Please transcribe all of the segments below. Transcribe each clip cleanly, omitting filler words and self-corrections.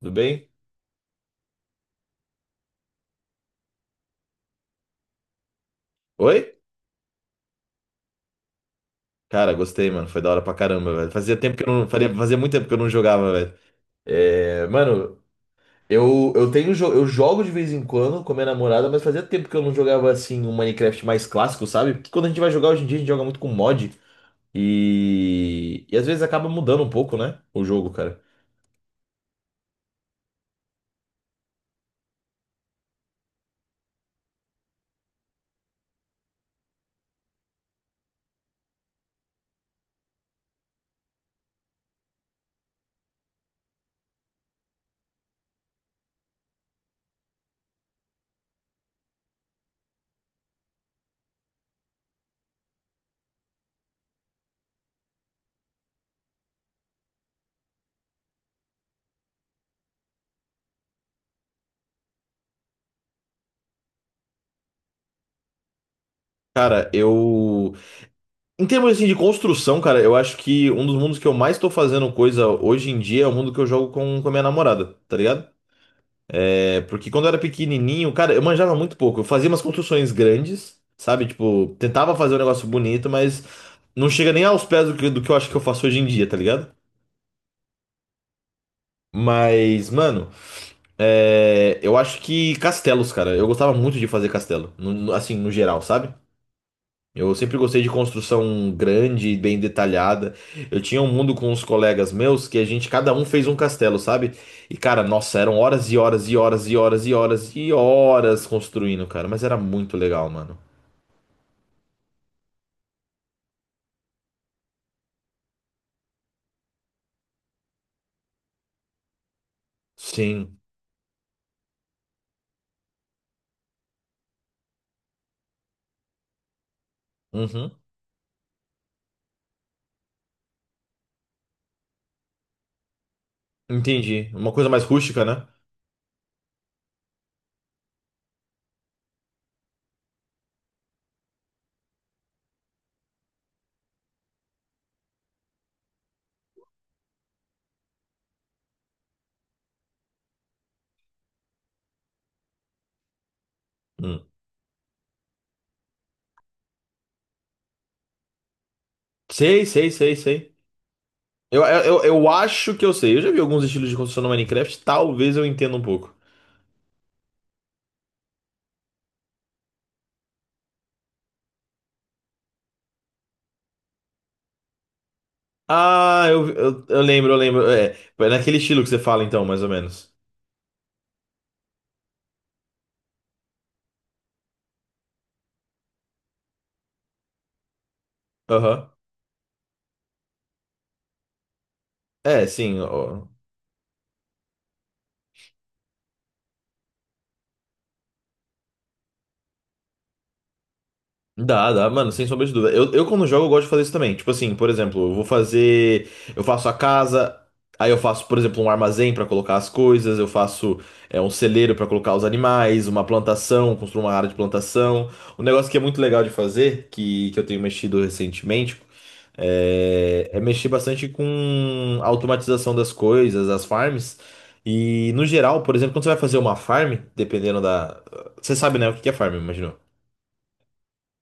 Tudo bem? Oi? Cara, gostei, mano. Foi da hora pra caramba, velho. Fazia tempo que eu não. Faria, fazia muito tempo que eu não jogava, velho. É, mano, eu tenho eu jogo de vez em quando com a minha namorada, mas fazia tempo que eu não jogava assim um Minecraft mais clássico, sabe? Porque quando a gente vai jogar hoje em dia, a gente joga muito com mod. E às vezes acaba mudando um pouco, né? O jogo, cara. Cara, eu. Em termos assim, de construção, cara, eu acho que um dos mundos que eu mais tô fazendo coisa hoje em dia é o mundo que eu jogo com a minha namorada, tá ligado? É, porque quando eu era pequenininho, cara, eu manjava muito pouco. Eu fazia umas construções grandes, sabe? Tipo, tentava fazer um negócio bonito, mas não chega nem aos pés do que eu acho que eu faço hoje em dia, tá ligado? Mas, mano, é, eu acho que castelos, cara. Eu gostava muito de fazer castelo, assim, no geral, sabe? Eu sempre gostei de construção grande e bem detalhada. Eu tinha um mundo com os colegas meus que a gente, cada um fez um castelo, sabe? E cara, nossa, eram horas e horas e horas e horas e horas e horas construindo, cara. Mas era muito legal, mano. Sim. Uhum. Entendi. Uma coisa mais rústica, né? Hum. Sei, sei, sei, sei. Eu acho que eu sei. Eu já vi alguns estilos de construção no Minecraft. Talvez eu entenda um pouco. Ah, eu lembro, eu lembro. É, foi naquele estilo que você fala, então, mais ou menos. Aham. É, sim, ó. Dá, dá, mano, sem sombra de dúvida. Eu quando jogo, eu gosto de fazer isso também. Tipo assim, por exemplo, eu vou fazer. Eu faço a casa, aí eu faço, por exemplo, um armazém pra colocar as coisas, eu faço um celeiro pra colocar os animais, uma plantação, construo uma área de plantação. Um negócio que é muito legal de fazer, que eu tenho mexido recentemente, é mexer bastante com a automatização das coisas, as farms. E no geral, por exemplo, quando você vai fazer uma farm, dependendo da. Você sabe, né, o que que é farm, imagino.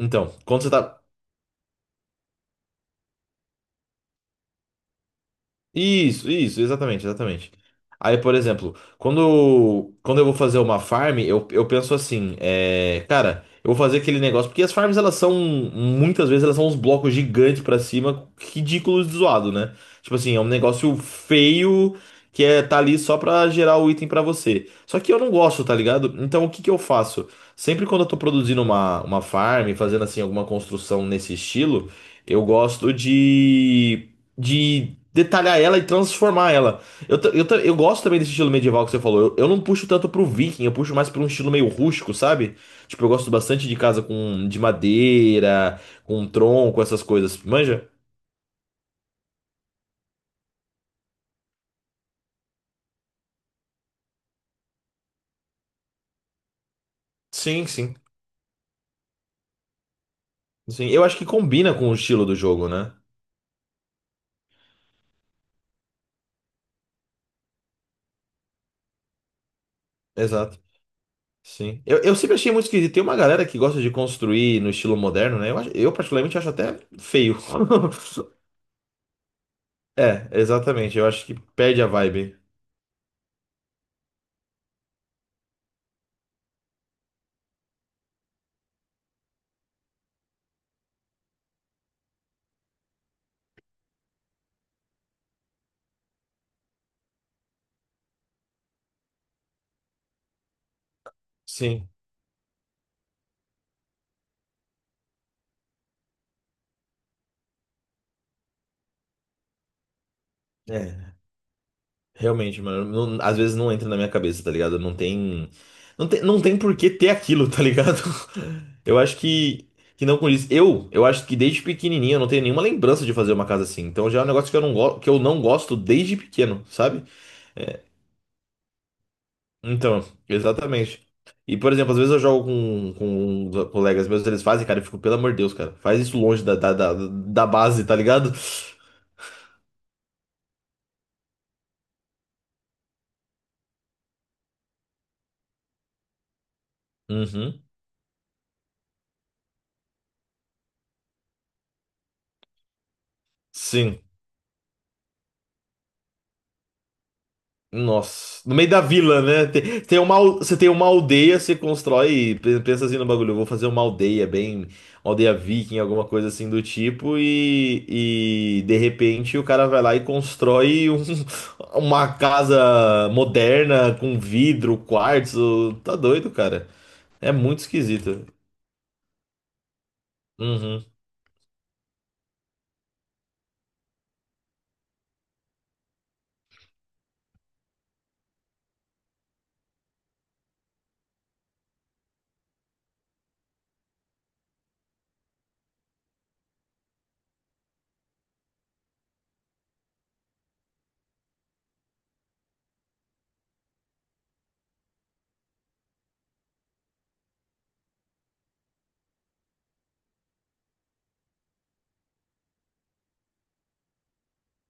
Então, quando você tá. Isso, exatamente, exatamente. Aí, por exemplo, quando eu vou fazer uma farm, eu penso assim, é, cara, eu vou fazer aquele negócio, porque as farms, elas são, muitas vezes, elas são uns blocos gigantes pra cima, ridículos de zoado, né? Tipo assim, é um negócio feio que é, tá ali só pra gerar o item pra você. Só que eu não gosto, tá ligado? Então, o que que eu faço? Sempre quando eu tô produzindo uma farm, fazendo assim, alguma construção nesse estilo, eu gosto de detalhar ela e transformar ela. Eu gosto também desse estilo medieval que você falou. Eu não puxo tanto pro viking, eu puxo mais pra um estilo meio rústico, sabe? Tipo, eu gosto bastante de casa com de madeira, com tronco, essas coisas. Manja? Sim, sim. Sim, eu acho que combina com o estilo do jogo, né? Exato. Sim. Eu sempre achei muito esquisito. Tem uma galera que gosta de construir no estilo moderno, né? Eu, eu particularmente acho até feio. É, exatamente. Eu acho que perde a vibe. Sim. É. Realmente, mano, não, às vezes não entra na minha cabeça, tá ligado? Não tem por que ter aquilo, tá ligado? Eu acho que não condiz. Eu acho que desde pequenininho eu não tenho nenhuma lembrança de fazer uma casa assim. Então já é um negócio que eu não, que eu não gosto desde pequeno, sabe? Então, exatamente. E, por exemplo, às vezes eu jogo com os colegas meus, eles fazem, cara, eu fico, pelo amor de Deus, cara, faz isso longe da base, tá ligado? Uhum. Sim. Nossa, no meio da vila, né? Tem uma, você tem uma aldeia, você constrói, pensa assim no bagulho, eu vou fazer uma aldeia bem, uma aldeia viking, alguma coisa assim do tipo, e de repente o cara vai lá e constrói uma casa moderna com vidro, quartzo, tá doido, cara. É muito esquisito. Uhum,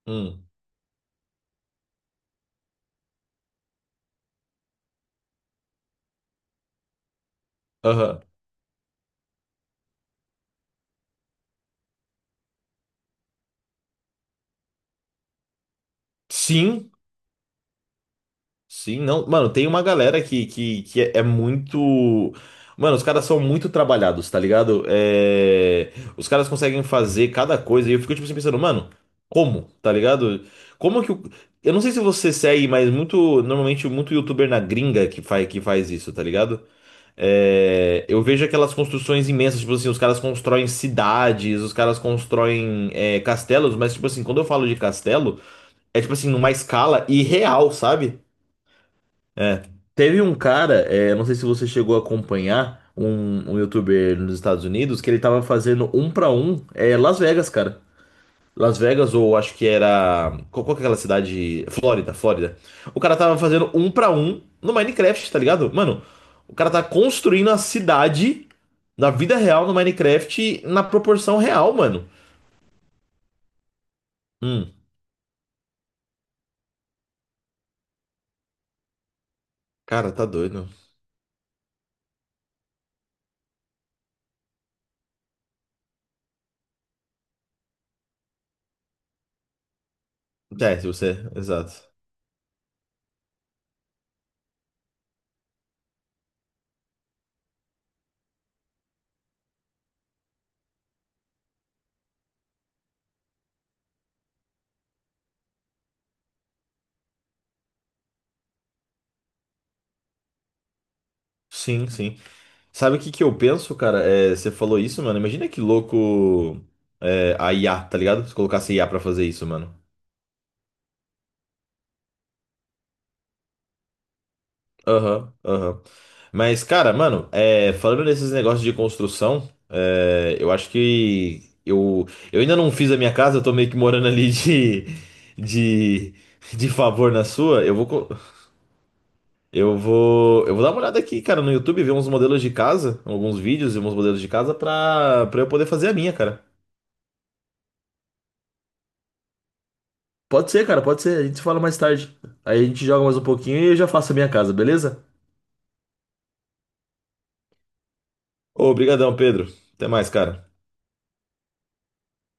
hum, aham. Sim, sim, não. Mano, tem uma galera que é é muito. Mano, os caras são muito trabalhados, tá ligado? É... Os caras conseguem fazer cada coisa. E eu fico, tipo assim, pensando, mano, como? Tá ligado? Como que o. Eu não sei se você segue, mas muito. Normalmente, muito youtuber na gringa que faz isso, tá ligado? É, eu vejo aquelas construções imensas, tipo assim, os caras constroem cidades, os caras constroem castelos, mas, tipo assim, quando eu falo de castelo, é tipo assim, numa escala irreal, sabe? É. Teve um cara, é, não sei se você chegou a acompanhar, um youtuber nos Estados Unidos, que ele tava fazendo um pra um, é, Las Vegas, cara. Las Vegas, ou acho que era. Qual que é aquela cidade? Flórida, Flórida. O cara tava fazendo um pra um no Minecraft, tá ligado? Mano, o cara tá construindo a cidade na vida real no Minecraft na proporção real, mano. Hum, cara, tá doido. É, se você. Exato. Sim, sim. Sabe o que que eu penso, cara? É, você falou isso, mano. Imagina que louco é, a IA, tá ligado? Se colocasse IA pra fazer isso, mano. Aham, aham. Mas, cara, mano, é, falando nesses negócios de construção, é, eu acho que eu ainda não fiz a minha casa, eu tô meio que morando ali de, de favor na sua. Eu vou dar uma olhada aqui, cara, no YouTube, ver uns modelos de casa, alguns vídeos e uns modelos de casa pra, pra eu poder fazer a minha, cara. Pode ser, cara, pode ser. A gente se fala mais tarde. Aí a gente joga mais um pouquinho e eu já faço a minha casa, beleza? Ô, obrigadão, Pedro. Até mais, cara.